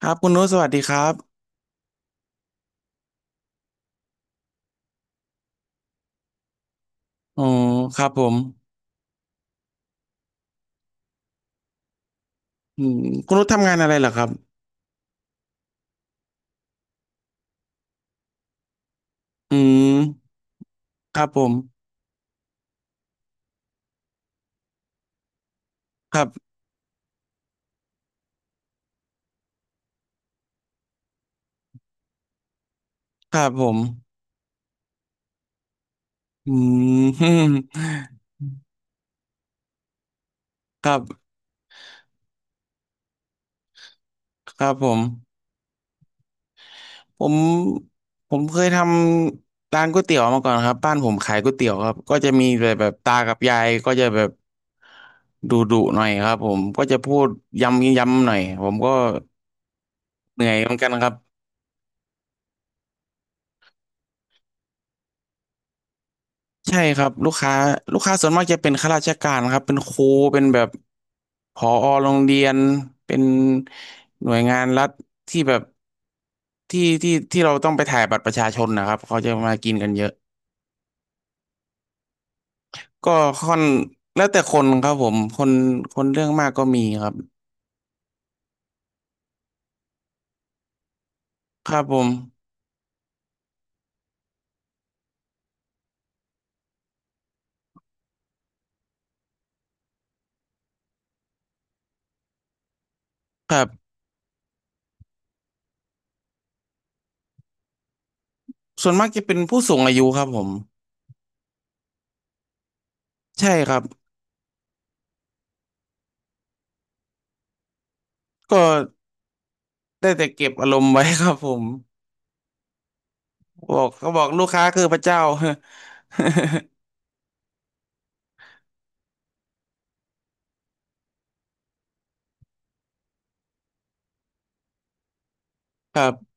ครับคุณนุชสวัสดีครับอ๋อครับผมอืมคุณนุชทำงานอะไรเหรอครับอืมครับผมครับครับผมอืม ครับครับผมผมเคยทำร้านก๋วยเตี๋ยวมาก่อนครับบ้านผมขายก๋วยเตี๋ยวครับก็จะมีแบบตากับยายก็จะแบบดุดุหน่อยครับผมก็จะพูดย้ำย้ำหน่อยผมก็เหนื่อยเหมือนกันครับ ใช่ครับลูกค้าส่วนมากจะเป็นข้าราชการครับเป็นครูเป็นแบบผอโรงเรียนเป็นหน่วยงานรัฐที่แบบที่เราต้องไปถ่ายบัตรประชาชนนะครับเขาจะมากินกันเยอะก็ค่อนแล้วแต่คนครับผมคนเรื่องมากก็มีครับครับผมครับส่วนมากจะเป็นผู้สูงอายุครับผมใช่ครับก็ได้แต่เก็บอารมณ์ไว้ครับผมบอกเขาบอกลูกค้าคือพระเจ้า ครับ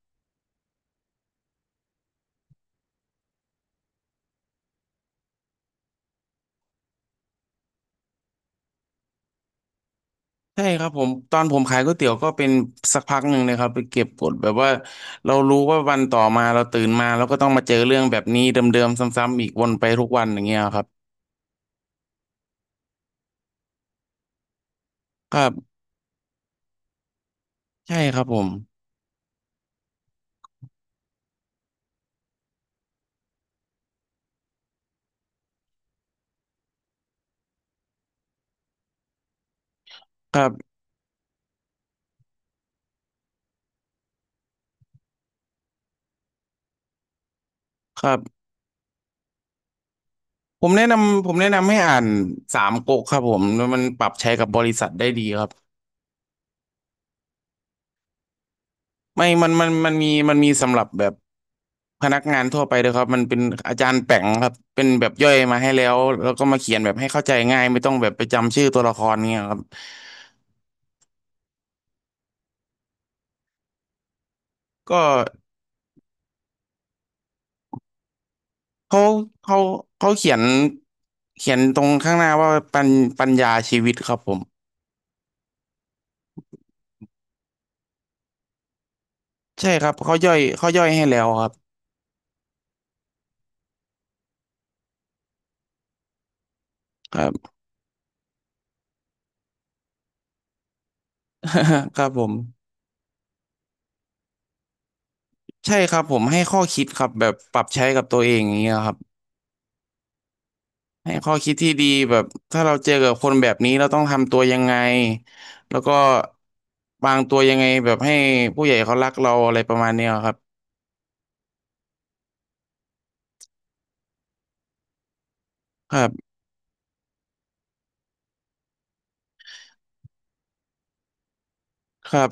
ใช่ครับผมตอนผมขายก๋วยเตี๋ยวก็เป็นสักพักหนึ่งเลยครับไปเก็บกดแบบว่าเรารู้ว่าวันต่อมาเราตื่นมาเราก็ต้องมาเจอเรื่องแบบนี้เดิมๆซ้ำๆอีกวนไปทุกวันอย่างเงี้ยครับครับใช่ครับผมครับครับผมแนะนำให้อ่านสามก๊กครับผมแล้วมันปรับใช้กับบริษัทได้ดีครับไม่มันมีสำหรับแบบพนักงานทั่วไปด้วยครับมันเป็นอาจารย์แป๋งครับเป็นแบบย่อยมาให้แล้วแล้วก็มาเขียนแบบให้เข้าใจง่ายไม่ต้องแบบไปจำชื่อตัวละครเงี้ยครับก็ เขาเขาเขาเขียนเขียนตรงข้างหน้าว่าปัญญาชีวิตครับผมใช่ครับเขาย่อยให้แล้วครับครับ ครับผมใช่ครับผมให้ข้อคิดครับแบบปรับใช้กับตัวเองอย่างเงี้ยครับให้ข้อคิดที่ดีแบบถ้าเราเจอกับคนแบบนี้เราต้องทำตัวยังไงแล้วก็วางตัวยังไงแบบให้ผู้ใหญ่เขารักเราอะไรประมาณเนี้ยครับครับครับ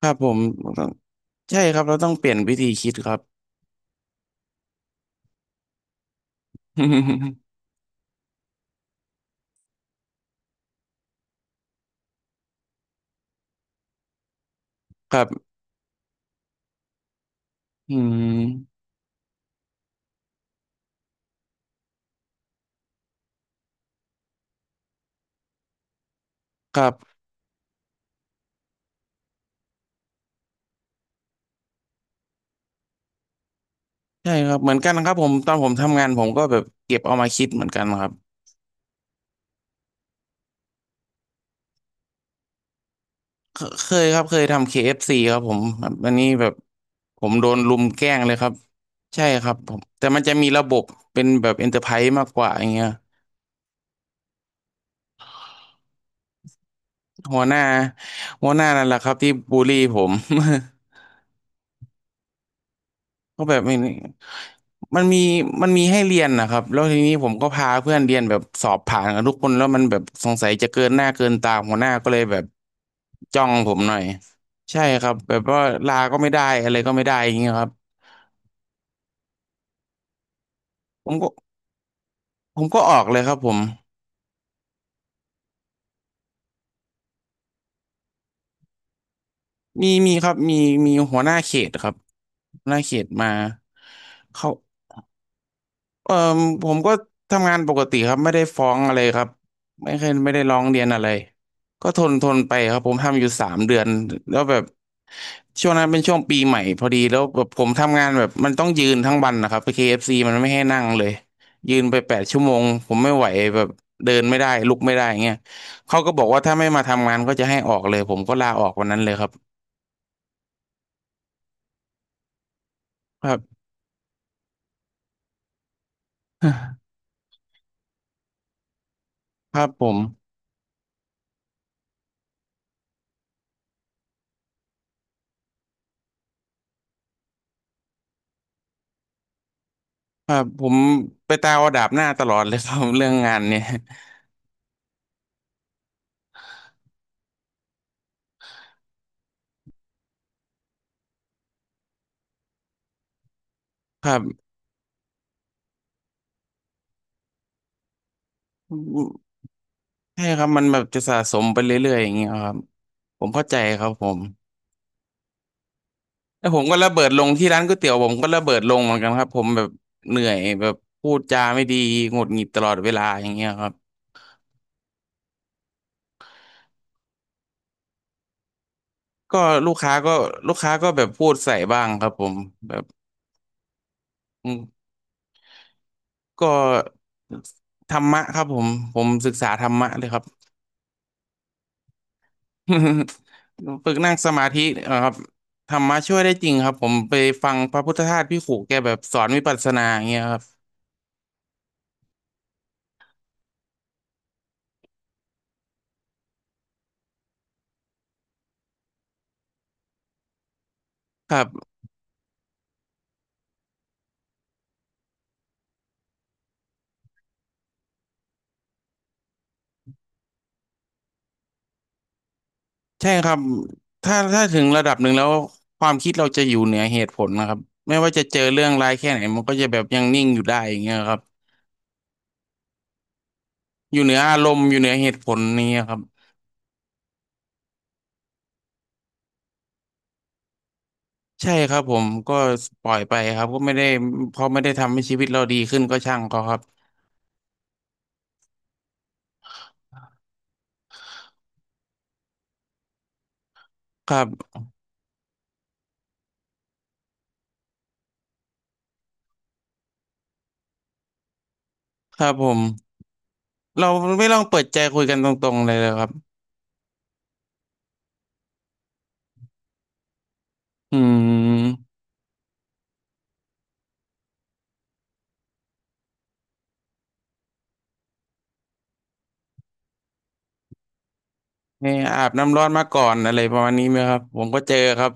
ครับผมต้องใช่ครับเราต้องเปลี่ยนวิธีคิดครับ ครับ อืมครับใช่ครับเหมือนกันครับผมตอนผมทำงานผมก็แบบเก็บเอามาคิดเหมือนกันครับเคเคยครับเคยทำ KFC คเอฟซีครับผมแบบอันนี้แบบผมโดนรุมแกล้งเลยครับใช่ครับผมแต่มันจะมีระบบเป็นแบบเอ็นเตอร์ไพรส์มากกว่าอย่างเงี้ยหัวหน้าหัวหน้านั่นแหละครับที่บูลลี่ผม ก็แบบมันมันมีมันมีให้เรียนนะครับแล้วทีนี้ผมก็พาเพื่อนเรียนแบบสอบผ่านกันทุกคนแล้วมันแบบสงสัยจะเกินหน้าเกินตาหัวหน้าก็เลยแบบจ้องผมหน่อยใช่ครับแบบว่าลาก็ไม่ได้อะไรก็ไม่ได้อย่างเงี้ยครับผมก็ผมก็ออกเลยครับผมมีครับมีหัวหน้าเขตครับหัวหน้าเขตมาเขา เออผมก็ทำงานปกติครับไม่ได้ฟ้องอะไรครับไม่เคยไม่ได้ร้องเรียนอะไรก็ทนทนไปครับผมทำอยู่3 เดือนแล้วแบบช่วงนั้นเป็นช่วงปีใหม่พอดีแล้วแบบผมทำงานแบบมันต้องยืนทั้งวันนะครับไป KFC มันไม่ให้นั่งเลยยืนไป8 ชั่วโมงผมไม่ไหวแบบเดินไม่ได้ลุกไม่ได้เงี้ยเขาก็บอกว่าถ้าไม่มาทำงานก็จะให้ออกเลยผมก็ลาออกวันนั้นเลยครับครับ ครับผมครับผมไปตาวดาบหน้าตลอดเลยครับ เรื่องงานเนี่ย ใช่ครับมันแบบจะสะสมไปเรื่อยๆอย่างเงี้ยครับผมเข้าใจครับผมแล้วผมก็ระเบิดลงที่ร้านก๋วยเตี๋ยวผมก็ระเบิดลงเหมือนกันครับผมแบบเหนื่อยแบบพูดจาไม่ดีหงุดหงิดตลอดเวลาอย่างเงี้ยครับก็ลูกค้าก็ลูกค้าก็แบบพูดใส่บ้างครับผมแบบอืมก็ธรรมะครับผมผมศึกษาธรรมะเลยครับ ฝึกนั่งสมาธิครับธรรมะช่วยได้จริงครับผมไปฟังพระพุทธทาสพี่ขู่แกแบบสอนวิปัสสนาอย่างเงี้ยครับครับ ใช่ครับถ้าถึงระดับหนึ่งแล้วความคิดเราจะอยู่เหนือเหตุผลนะครับไม่ว่าจะเจอเรื่องร้ายแค่ไหนมันก็จะแบบยังนิ่งอยู่ได้อย่างเงี้ยครับอยู่เหนืออารมณ์อยู่เหนือเหตุผลนี้ยครับใช่ครับผมก็ปล่อยไปครับก็ไม่ได้พอไม่ได้ทำให้ชีวิตเราดีขึ้นก็ช่างเขาครับครับครับผมเราไม่ลองเปิดใจคุยกันตรงๆเลยครับอืมเนี่ยอาบน้ำร้อนมาก่อนอะไรประมาณนี้ไหมครับผมก็เจอครับ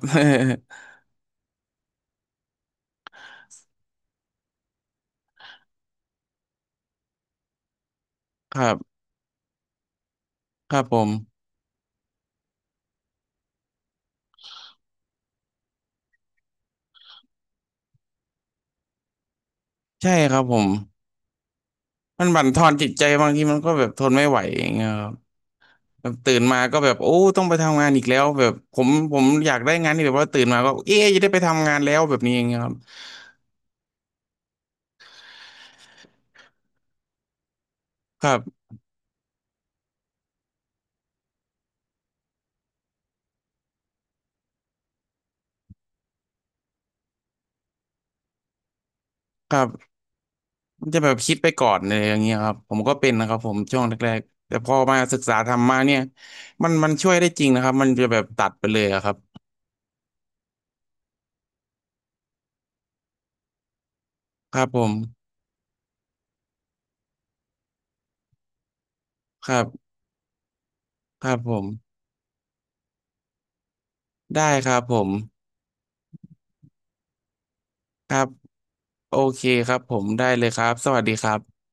ครับครับผมใช่ครับผม มันบั่นทอนจิตใจบางทีมันก็แบบทนไม่ไหวอย่างเงี้ยครับแบบตื่นมาก็แบบโอ้ต้องไปทำงานอีกแล้วแบบผมอยากได้งานที่แบบว่าตื่นมาก็เอ๊ะจะได้ไปทำงานแล้วแบบนี้อย่างเงี้ยครับครับครับมันจะแบบคิดไปก่อนเลยอย่างเงี้ยครับผมก็เป็นนะครับผมช่วงแรกๆแต่พอมาศึกษาธรรมะเนี่ยมันช่วยได้จริงนะครับมันจะแบบตัดไปเลยอะครับครับผมครับครับผมได้ครับผมครับโอเคครับผมได้เลยครับสวัสดีครับ